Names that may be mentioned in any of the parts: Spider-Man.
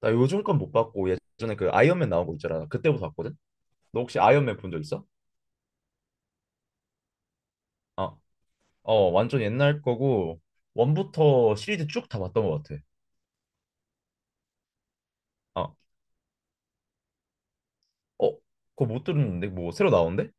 나 요즘 건 못 봤고 예전에 그 아이언맨 나온 거 있잖아. 그때부터 봤거든. 너 혹시 아이언맨 본 적 있어? 어, 어 완전 옛날 거고 원부터 시리즈 쭉 다 봤던 것 같아. 어, 어, 그거 못 들었는데 뭐 새로 나온대?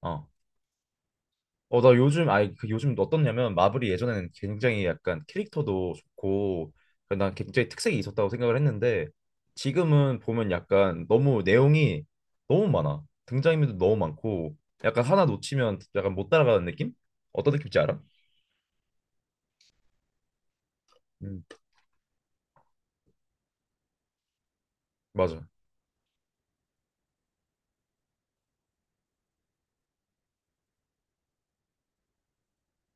어, 어 나 요즘 아니 그 요즘 어떻냐면 마블이 예전에는 굉장히 약간 캐릭터도 좋고 그난 굉장히 특색이 있었다고 생각을 했는데 지금은 보면 약간 너무 내용이 너무 많아. 등장인물도 너무 많고 약간 하나 놓치면 약간 못 따라가는 느낌? 어떤 느낌인지 알아? 맞아.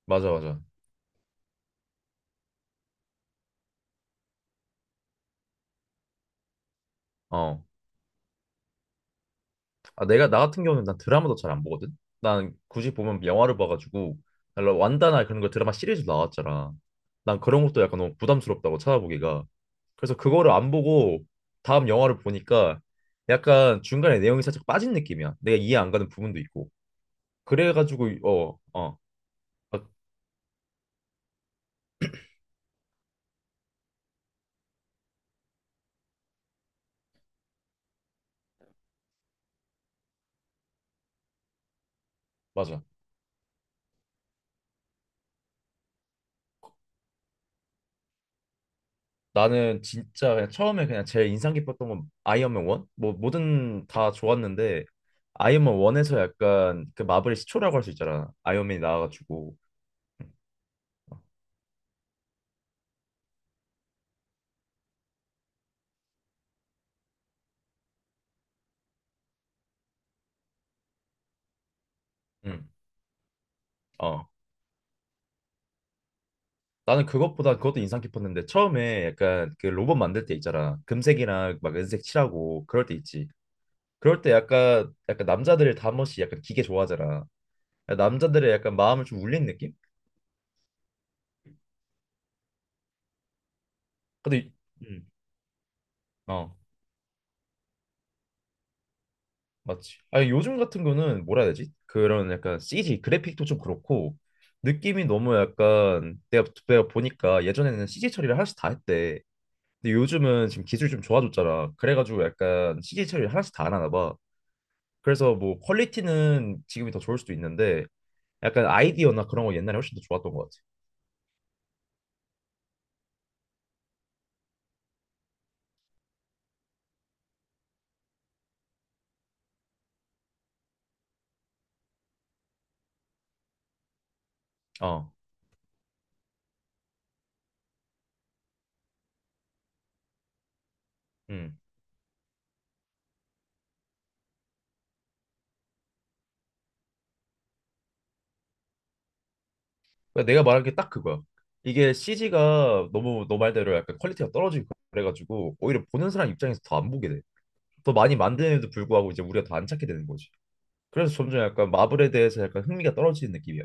맞아, 맞아. 어. 아, 나 같은 경우는 난 드라마도 잘 안 보거든? 난 굳이 보면 영화를 봐가지고, 원 완다나 그런 거 드라마 시리즈 나왔잖아. 난 그런 것도 약간 너무 부담스럽다고 찾아보기가. 그래서 그거를 안 보고 다음 영화를 보니까 약간 중간에 내용이 살짝 빠진 느낌이야. 내가 이해 안 가는 부분도 있고. 그래가지고, 어, 어. 아, 맞아. 나는 진짜 그냥 처음에 그냥 제일 인상 깊었던 건 아이언맨 1? 뭐든 다 좋았는데 아이언맨 1에서 약간 그 마블의 시초라고 할 수 있잖아. 아이언맨이 나와가지고. 응. 응. 어. 나는 그것보다 그것도 인상 깊었는데 처음에 약간 그 로봇 만들 때 있잖아. 금색이랑 막 은색 칠하고 그럴 때 있지. 그럴 때 약간 남자들을 다 한번씩 약간 기계 좋아하잖아. 남자들의 약간 마음을 좀 울린 느낌? 근데 이- 음. 어. 맞지. 아니 요즘 같은 거는 뭐라 해야 되지? 그런 약간 CG 그래픽도 좀 그렇고 느낌이 너무 약간 내가 보니까 예전에는 CG 처리를 하나씩 다 했대. 근데 요즘은 지금 기술이 좀 좋아졌잖아. 그래가지고 약간 CG 처리를 하나씩 다 안 하나 봐. 그래서 뭐 퀄리티는 지금이 더 좋을 수도 있는데 약간 아이디어나 그런 거 옛날에 훨씬 더 좋았던 것 같아. 어, 음. 그러니까 내가 말한 게 딱 그거야. 이게 CG가 너무 너 말대로 약간 퀄리티가 떨어지고 그래가지고 오히려 보는 사람 입장에서 더 안 보게 돼. 더 많이 만드는데도 불구하고 이제 우리가 더 안 찾게 되는 거지. 그래서 점점 약간 마블에 대해서 약간 흥미가 떨어지는 느낌이야.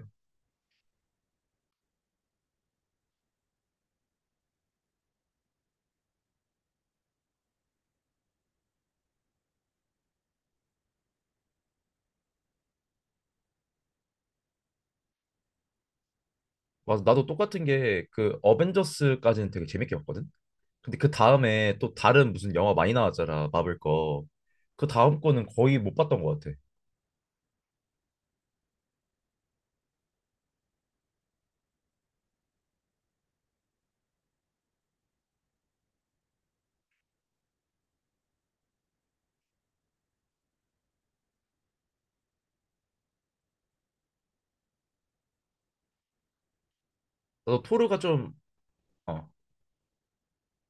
맞아, 나도 똑같은 게 그 어벤져스까지는 되게 재밌게 봤거든. 근데 그 다음에 또 다른 무슨 영화 많이 나왔잖아, 마블 거. 그 다음 거는 거의 못 봤던 것 같아. 나도 토르가 좀, 어,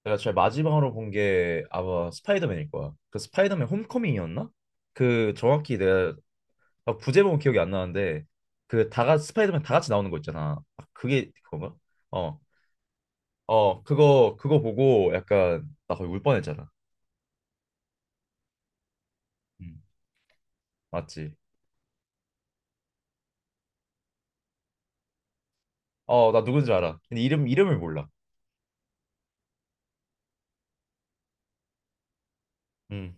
내가 제일 마지막으로 본 게 아마 스파이더맨일 거야. 그 스파이더맨 홈커밍이었나? 그 정확히 내가 아, 부제목은 기억이 안 나는데 그 다 같이 스파이더맨 다 같이 나오는 거 있잖아. 아, 그게 그건가? 어, 어, 그거, 그거 보고 약간, 나 거의 울 뻔했잖아. 음. 맞지? 어, 나 누군지 알아. 근데 이름을 몰라. 음.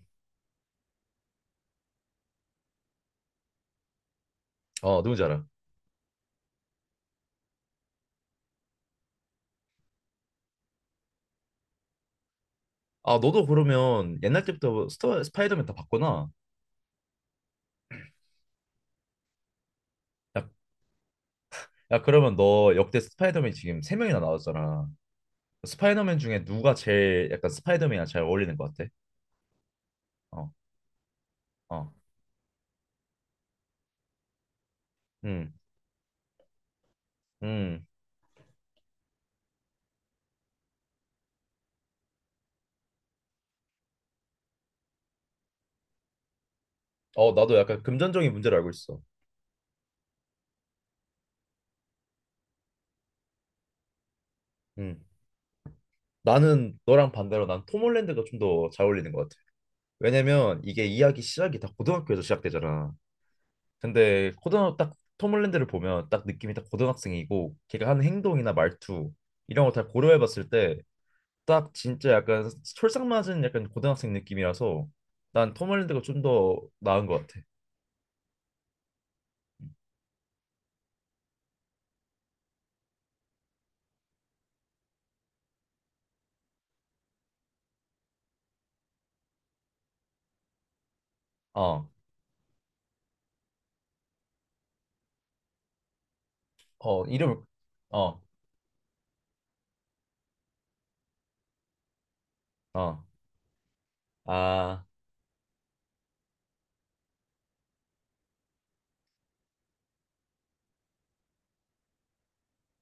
어, 누군지 알아. 아, 너도 그러면 옛날 때부터 스파이더맨 다 봤구나. 야, 야, 그러면 너 역대 스파이더맨 지금 세 명이나 나왔잖아. 스파이더맨 중에 누가 제일 약간 스파이더맨이랑 잘 어울리는 것 같아? 어, 어, 음, 음. 어, 나도 약간 금전적인 문제를 알고 있어. 음. 나는 너랑 반대로 난 톰 홀랜드가 좀 더 잘 어울리는 것 같아. 왜냐면 이게 이야기 시작이 다 고등학교에서 시작되잖아. 근데 고등학교 딱 톰홀랜드를 보면 딱 느낌이 딱 고등학생이고 걔가 하는 행동이나 말투 이런 거 다 고려해봤을 때 딱 진짜 약간 솔상맞은 약간 고등학생 느낌이라서 난 톰홀랜드가 좀 더 나은 것 같아. 어, 어 이름 어, 어, 아,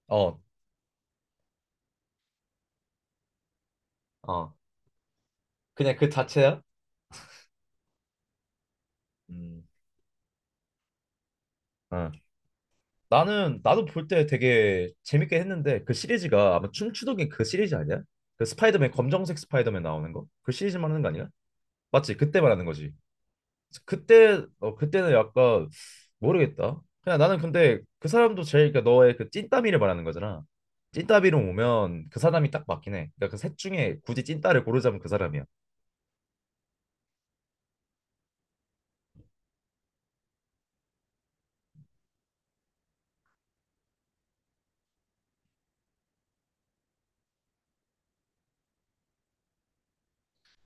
어, 어 그냥 그 자체야? 음, 어. 나는 나도 볼 때 되게 재밌게 했는데 그 시리즈가 아마 춤추도긴 그 시리즈 아니야? 그 스파이더맨 검정색 스파이더맨 나오는 거? 그 시리즈 말하는 거 아니야? 맞지? 그때 말하는 거지. 그때 어 그때는 약간 모르겠다. 그냥 나는 근데 그 사람도 제일 그러니까 너의 그 찐따비를 말하는 거잖아. 찐따비로 오면 그 사람이 딱 맞긴 해. 그러니까 그 셋 중에 굳이 찐따를 고르자면 그 사람이야.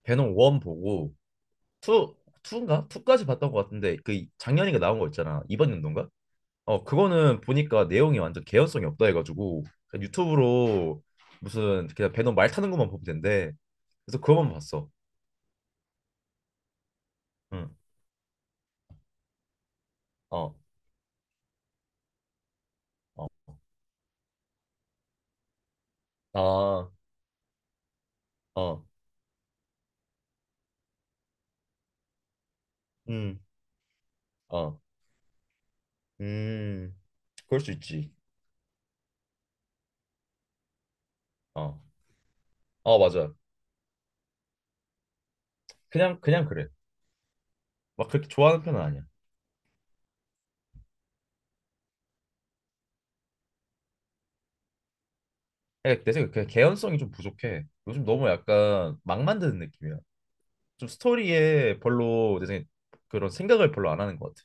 배는원 보고 투 투인가? 투까지 봤던 것 같은데 그 작년인가 나온 거 있잖아. 이번 연도인가? 어, 그거는 보니까 내용이 완전 개연성이 없다 해가지고 그냥 유튜브로 무슨 그냥 배너 말 타는 것만 보면 된대. 그래서 그거만 봤어. 응. 어. 어. 아. 어. 음. 어. 음. 그럴 수 있지. 어. 어, 맞아. 그냥 그냥 그래. 막 그렇게 좋아하는 편은 아니야. 그냥 내 생각에 그냥 개연성이 좀 부족해. 요즘 너무 약간 막 만드는 느낌이야. 좀 스토리에 별로 내 생각에 그런 생각을 별로 안 하는 것 같아.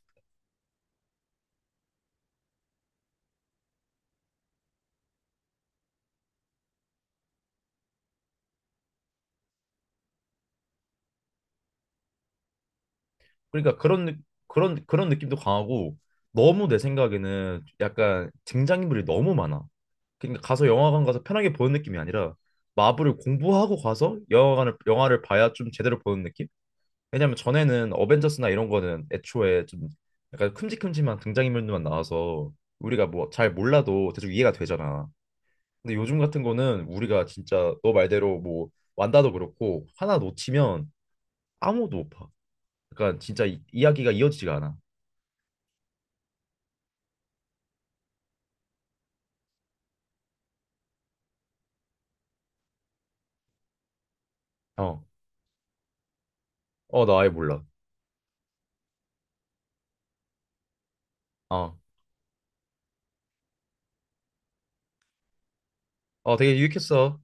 그러니까 그런 느- 그런 그런 느낌도 강하고 너무 내 생각에는 약간 등장인물이 너무 많아. 그러니까 가서 영화관 가서 편하게 보는 느낌이 아니라 마블을 공부하고 가서 영화관을 영화를 봐야 좀 제대로 보는 느낌? 왜냐면 전에는 어벤져스나 이런 거는 애초에 좀 약간 큼직큼직한 등장인물들만 나와서 우리가 뭐 잘 몰라도 대충 이해가 되잖아. 근데 요즘 같은 거는 우리가 진짜 너 말대로 뭐 완다도 그렇고 하나 놓치면 아무도 못 봐. 그러니까 진짜 이야기가 이어지지가 않아. 어. 어, 나 아예 몰라. 어, 어, 되게 유익했어.